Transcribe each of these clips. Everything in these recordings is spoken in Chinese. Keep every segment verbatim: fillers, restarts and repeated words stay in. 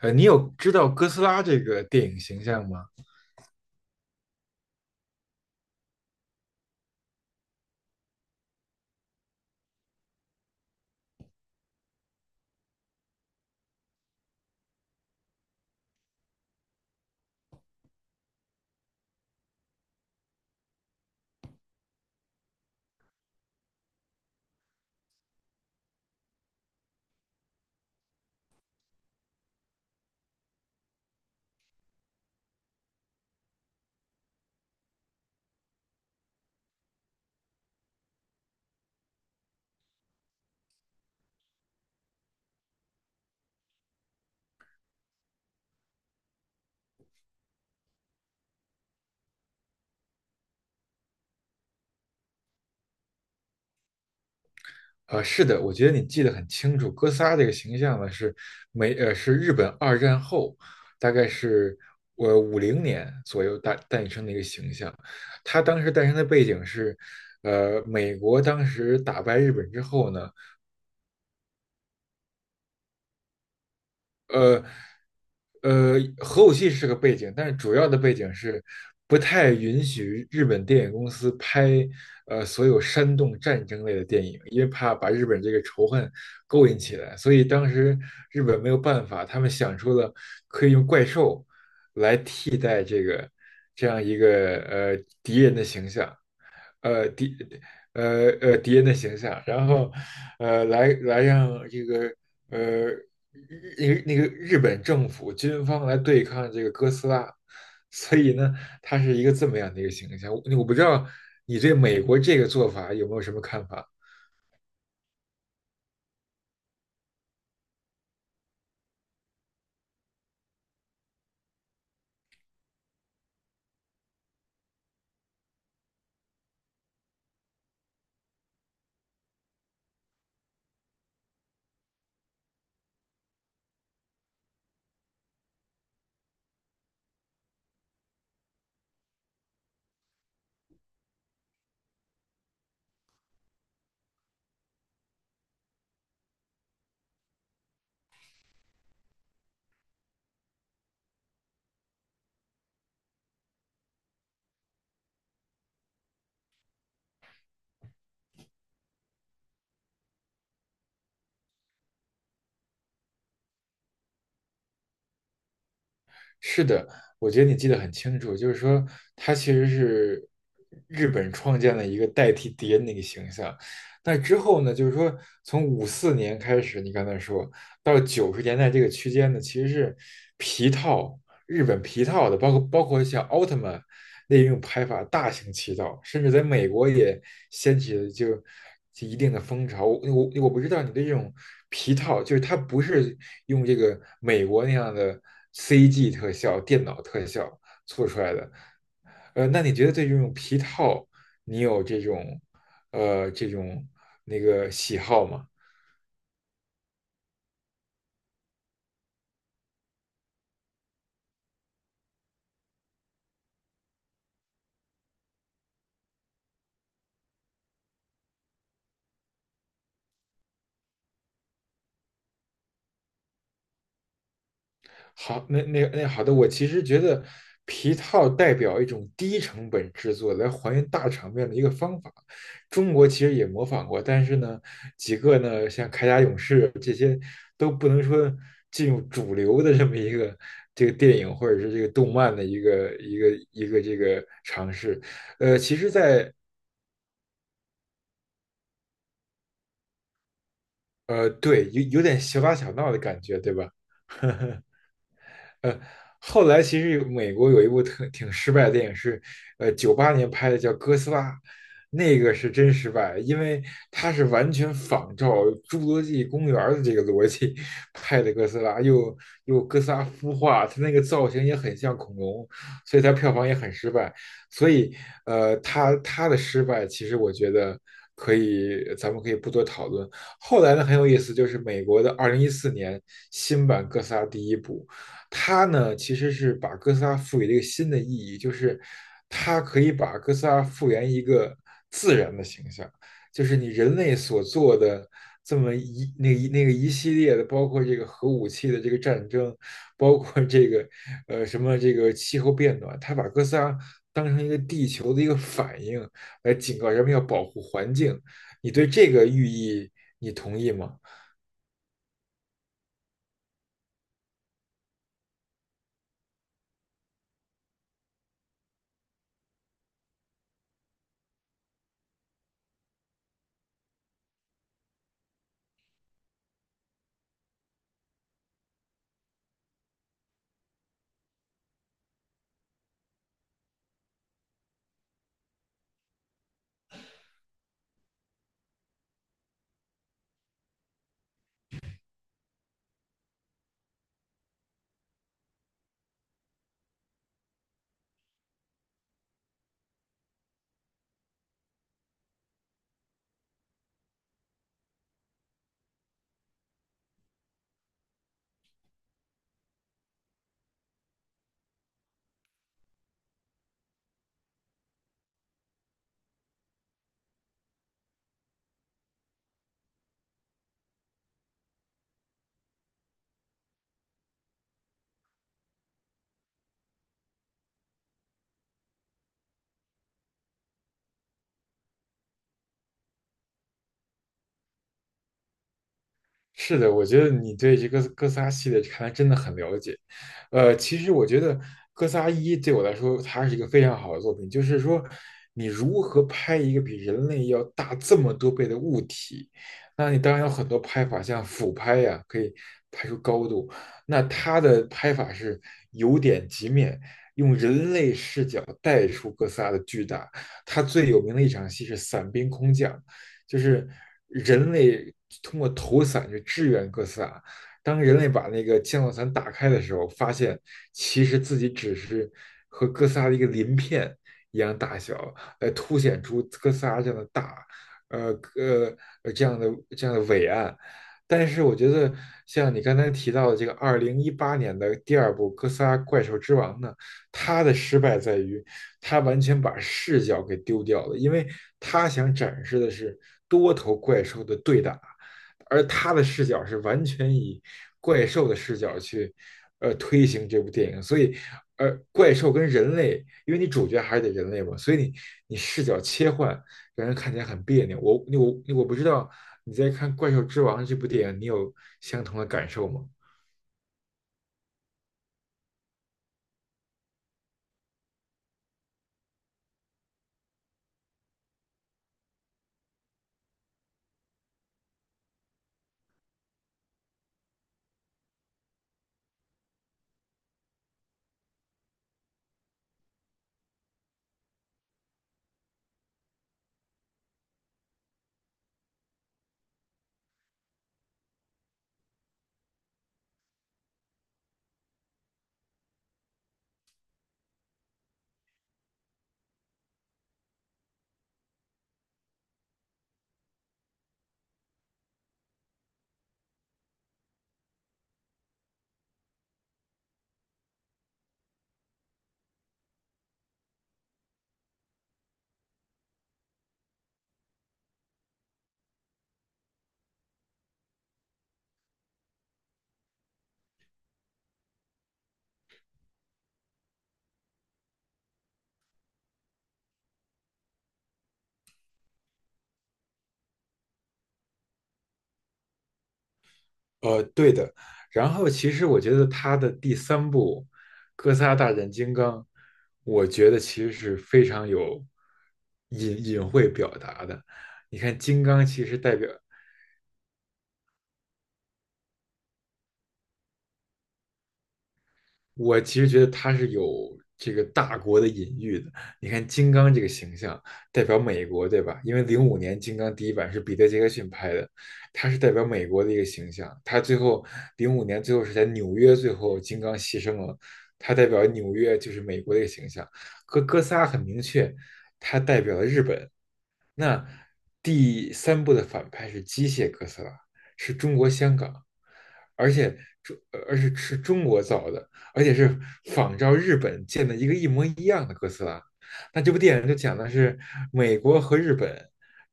呃，你有知道哥斯拉这个电影形象吗？呃，是的，我觉得你记得很清楚。哥斯拉这个形象呢，是美呃是日本二战后，大概是呃五零年左右诞诞生的一个形象。它当时诞生的背景是，呃，美国当时打败日本之后呢，呃呃，核武器是个背景，但是主要的背景是不太允许日本电影公司拍呃所有煽动战争类的电影，因为怕把日本这个仇恨勾引起来，所以当时日本没有办法，他们想出了可以用怪兽这样一个呃敌人的形象，呃敌呃呃敌人的形象，然后呃来来让这个呃那个那个日本政府军方来对抗这个哥斯拉，所以呢，它是一个这么样的一个形象。我我不知道你对美国这个做法有没有什么看法？是的，我觉得你记得很清楚，就是说它其实是日本创建了一个代替敌人的一个形象。那之后呢，就是说从五四年开始，你刚才说到九十年代这个区间呢，其实是皮套日本皮套的，包括包括像奥特曼那种拍法大行其道，甚至在美国也掀起了就就一定的风潮。我我我不知道你对这种皮套，就是它不是用这个美国那样的 C G 特效、电脑特效做出来的，呃，那你觉得对这种皮套，你有这种呃这种那个喜好吗？好，那那那好的，我其实觉得皮套代表一种低成本制作来还原大场面的一个方法。中国其实也模仿过，但是呢，几个呢像铠甲勇士这些都不能说进入主流的这么一个这个电影或者是这个动漫的一个一个一个这个尝试。呃，其实在，呃对有有点小打小闹的感觉，对吧？呃，后来其实有美国有一部特挺失败的电影是，呃，九八年拍的叫《哥斯拉》，那个是真失败，因为它是完全仿照《侏罗纪公园》的这个逻辑拍的哥斯拉，又又哥斯拉孵化，它那个造型也很像恐龙，所以它票房也很失败。所以，呃，它它的失败，其实我觉得可以，咱们可以不多讨论。后来呢，很有意思，就是美国的二零一四年新版哥斯拉第一部。它呢其实是把哥斯拉赋予了一个新的意义，就是它可以把哥斯拉复原一个自然的形象，就是你人类所做的这么一那一那个一系列的，包括这个核武器的这个战争，包括这个呃什么这个气候变暖，它把哥斯拉当成一个地球的一个反应来警告人们要保护环境。你对这个寓意你同意吗？是的，我觉得你对这个哥斯拉系列看来真的很了解。呃，其实我觉得《哥斯拉一》对我来说，它是一个非常好的作品，就是说你如何拍一个比人类要大这么多倍的物体，那你当然有很多拍法，像俯拍呀、可以拍出高度。那它的拍法是由点及面，用人类视角带出哥斯拉的巨大。它最有名的一场戏是伞兵空降。就是人类通过投伞去支援哥斯拉。当人类把那个降落伞打开的时候，发现其实自己只是和哥斯拉的一个鳞片一样大小，来凸显出哥斯拉这样的大，呃呃这样的这样的伟岸。但是我觉得，像你刚才提到的这个二零一八年的第二部《哥斯拉：怪兽之王》呢，他的失败在于他完全把视角给丢掉了，因为他想展示的是多头怪兽的对打，而他的视角是完全以怪兽的视角去呃推行这部电影，所以呃怪兽跟人类，因为你主角还是得人类嘛，所以你你视角切换让人看起来很别扭。我我我不知道你在看《怪兽之王》这部电影，你有相同的感受吗？呃，对的。然后其实我觉得他的第三部《哥斯拉大战金刚》，我觉得其实是非常有隐隐晦表达的。你看，金刚其实代表我其实觉得他是有这个大国的隐喻的。你看金刚这个形象代表美国，对吧？因为零五年金刚第一版是彼得·杰克逊拍的，他是代表美国的一个形象。他最后零五年最后是在纽约，最后金刚牺牲了，他代表纽约就是美国的一个形象。和哥斯拉很明确，他代表了日本，那第三部的反派是机械哥斯拉，是中国香港，而且中而且是中国造的，而且是仿照日本建的一个一模一样的哥斯拉。那这部电影就讲的是美国和日本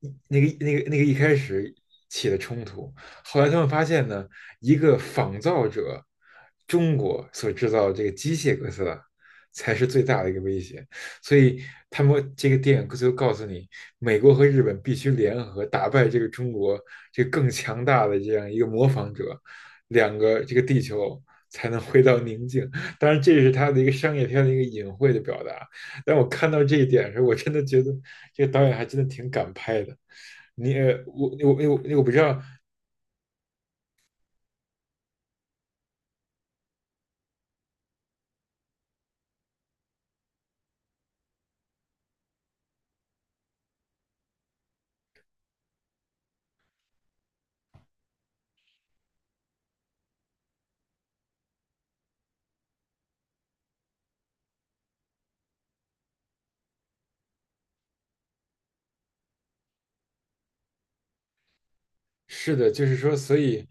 一那个那个那个一开始起的冲突，后来他们发现呢，一个仿造者中国所制造的这个机械哥斯拉才是最大的一个威胁。所以他们这个电影就告诉你，美国和日本必须联合打败这个中国这个更强大的这样一个模仿者，两个这个地球才能回到宁静。当然，这是他的一个商业片的一个隐晦的表达。但我看到这一点的时候，我真的觉得这个导演还真的挺敢拍的。你呃我我我我不知道。是的，就是说，所以，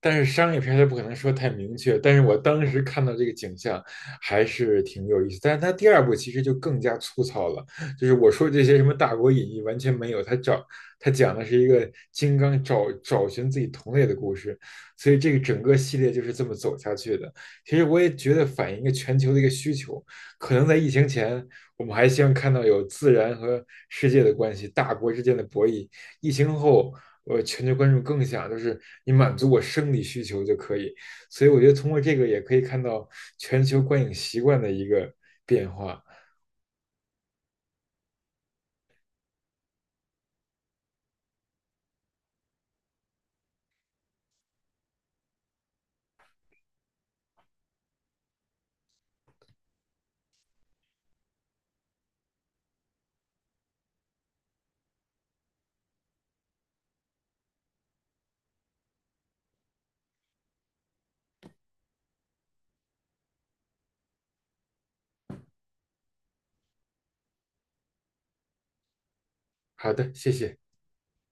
但是商业片它不可能说太明确。但是我当时看到这个景象还是挺有意思，但是它第二部其实就更加粗糙了，就是我说这些什么大国隐逸完全没有，它找它讲的是一个金刚找找寻自己同类的故事，所以这个整个系列就是这么走下去的。其实我也觉得反映一个全球的一个需求，可能在疫情前。我们还希望看到有自然和世界的关系，大国之间的博弈。疫情后，我全球观众更想就是你满足我生理需求就可以。所以我觉得通过这个也可以看到全球观影习惯的一个变化。好的，谢谢。